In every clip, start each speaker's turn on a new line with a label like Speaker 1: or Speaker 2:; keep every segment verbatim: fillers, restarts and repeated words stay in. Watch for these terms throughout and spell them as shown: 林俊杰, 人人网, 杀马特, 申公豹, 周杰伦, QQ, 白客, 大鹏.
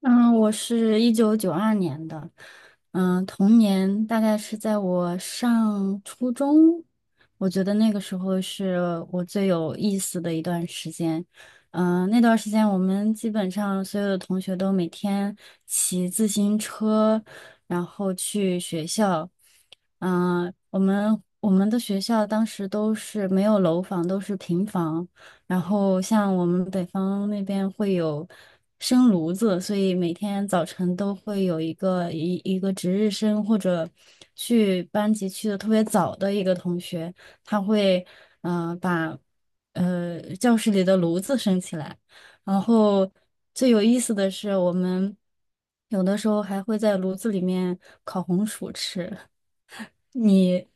Speaker 1: 嗯，我是一九九二年的。嗯，童年大概是在我上初中，我觉得那个时候是我最有意思的一段时间。嗯，那段时间我们基本上所有的同学都每天骑自行车，然后去学校。嗯，我们我们的学校当时都是没有楼房，都是平房。然后像我们北方那边会有生炉子，所以每天早晨都会有一个一一个值日生或者去班级去的特别早的一个同学，他会嗯把呃教室里的炉子升起来。然后最有意思的是，我们有的时候还会在炉子里面烤红薯吃。你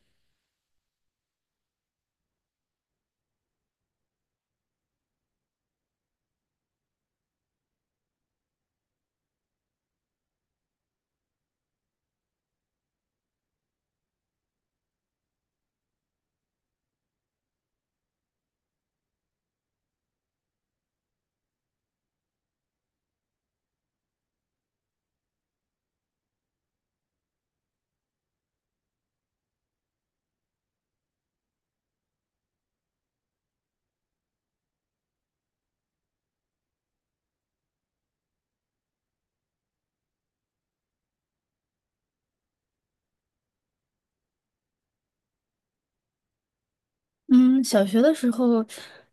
Speaker 1: 嗯，小学的时候，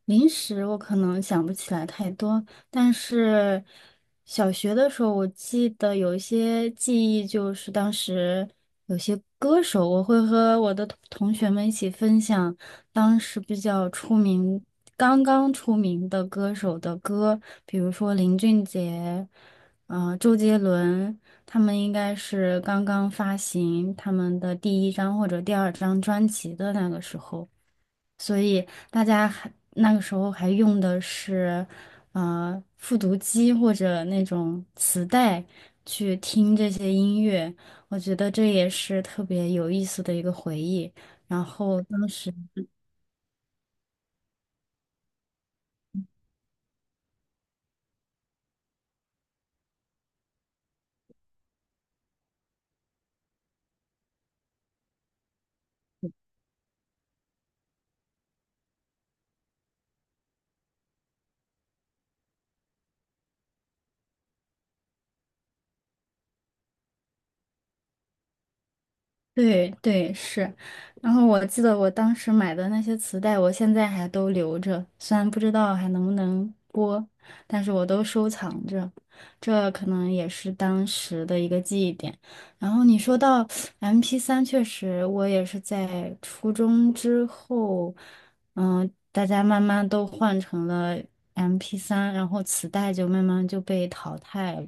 Speaker 1: 零食我可能想不起来太多，但是小学的时候，我记得有一些记忆，就是当时有些歌手，我会和我的同同学们一起分享当时比较出名、刚刚出名的歌手的歌，比如说林俊杰，嗯周杰伦，他们应该是刚刚发行他们的第一张或者第二张专辑的那个时候。所以大家还那个时候还用的是，呃，复读机或者那种磁带去听这些音乐，我觉得这也是特别有意思的一个回忆。然后当时。对对是，然后我记得我当时买的那些磁带，我现在还都留着，虽然不知道还能不能播，但是我都收藏着，这可能也是当时的一个记忆点。然后你说到 m p 三，确实我也是在初中之后，嗯、大家慢慢都换成了 m p 三，然后磁带就慢慢就被淘汰了。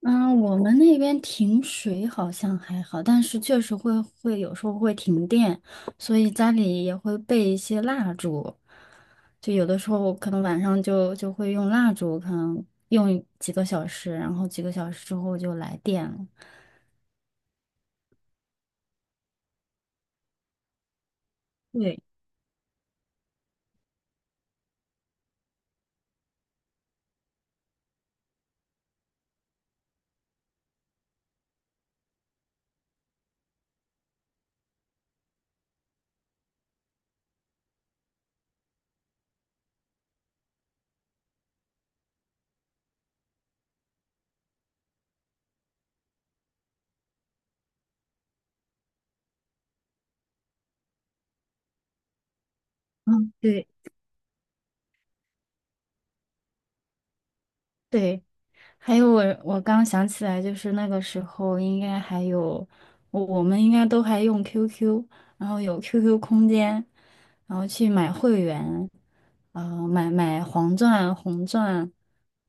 Speaker 1: 嗯，我们那边停水好像还好，但是确实会会有时候会停电，所以家里也会备一些蜡烛，就有的时候可能晚上就就会用蜡烛，可能用几个小时，然后几个小时之后就来电了。对。嗯，对。对，还有我我刚想起来，就是那个时候应该还有我我们应该都还用 Q Q，然后有 Q Q 空间，然后去买会员，呃，买买黄钻、红钻，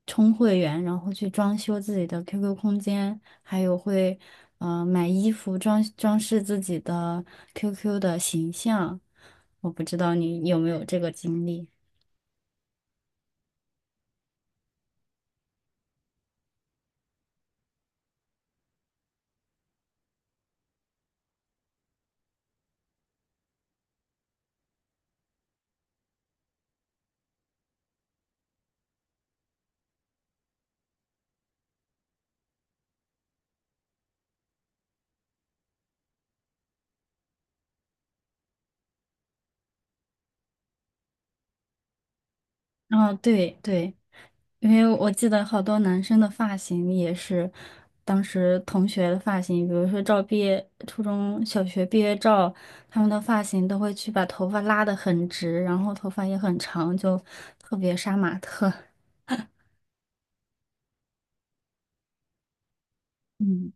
Speaker 1: 充会员，然后去装修自己的 Q Q 空间，还有会呃买衣服装装饰自己的 Q Q 的形象。我不知道你有没有这个经历。啊，对对，因为我记得好多男生的发型也是当时同学的发型，比如说照毕业初中小学毕业照，他们的发型都会去把头发拉得很直，然后头发也很长，就特别杀马特。嗯，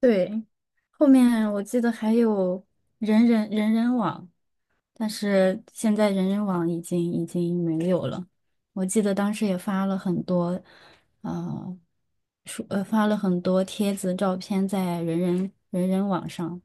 Speaker 1: 对。后面我记得还有人人人人网。但是现在人人网已经已经没有了。我记得当时也发了很多，呃，说呃发了很多帖子、照片在人人人人网上。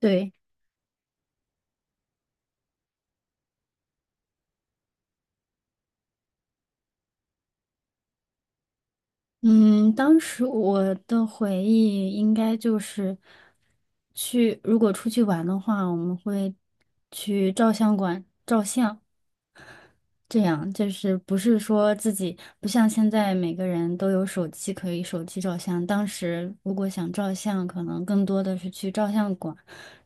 Speaker 1: 对。嗯，当时我的回忆应该就是去，如果出去玩的话，我们会去照相馆照相。这样就是不是说自己不像现在每个人都有手机可以手机照相，当时如果想照相，可能更多的是去照相馆，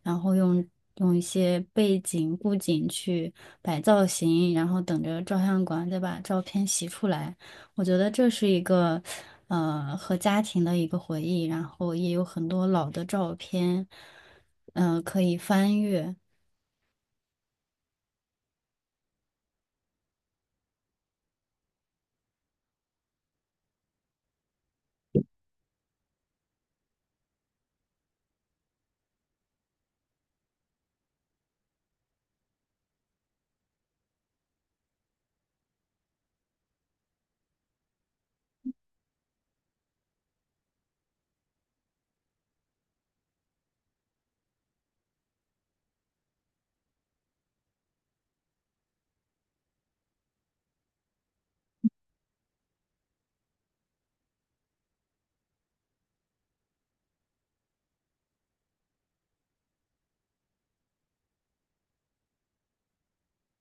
Speaker 1: 然后用用一些背景布景去摆造型，然后等着照相馆再把照片洗出来。我觉得这是一个呃和家庭的一个回忆，然后也有很多老的照片，嗯、可以翻阅。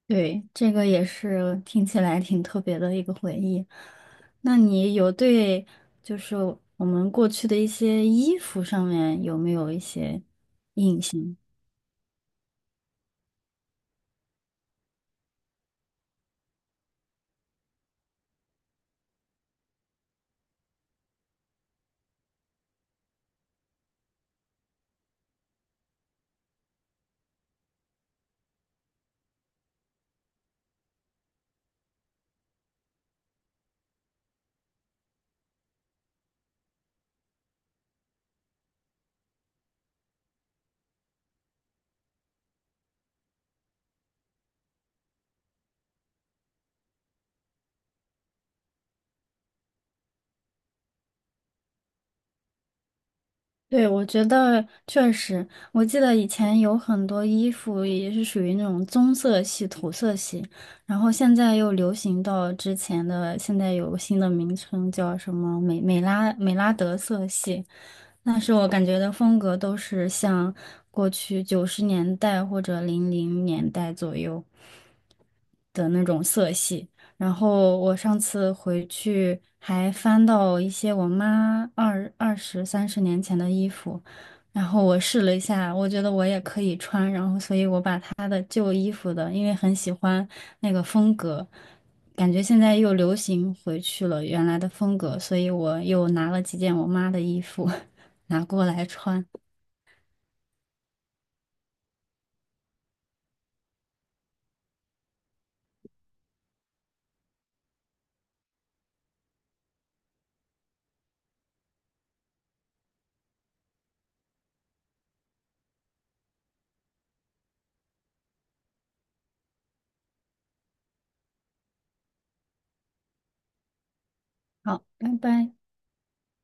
Speaker 1: 对，这个也是听起来挺特别的一个回忆。那你有对就是我们过去的一些衣服上面有没有一些印象？对，我觉得确实，我记得以前有很多衣服也是属于那种棕色系、土色系，然后现在又流行到之前的，现在有个新的名称叫什么美美拉美拉德色系。那是我感觉的风格都是像过去九十年代或者零零年代左右的那种色系。然后我上次回去还翻到一些我妈二二十三十年前的衣服，然后我试了一下，我觉得我也可以穿，然后所以我把她的旧衣服的，因为很喜欢那个风格，感觉现在又流行回去了原来的风格，所以我又拿了几件我妈的衣服。拿过来穿。好，拜拜。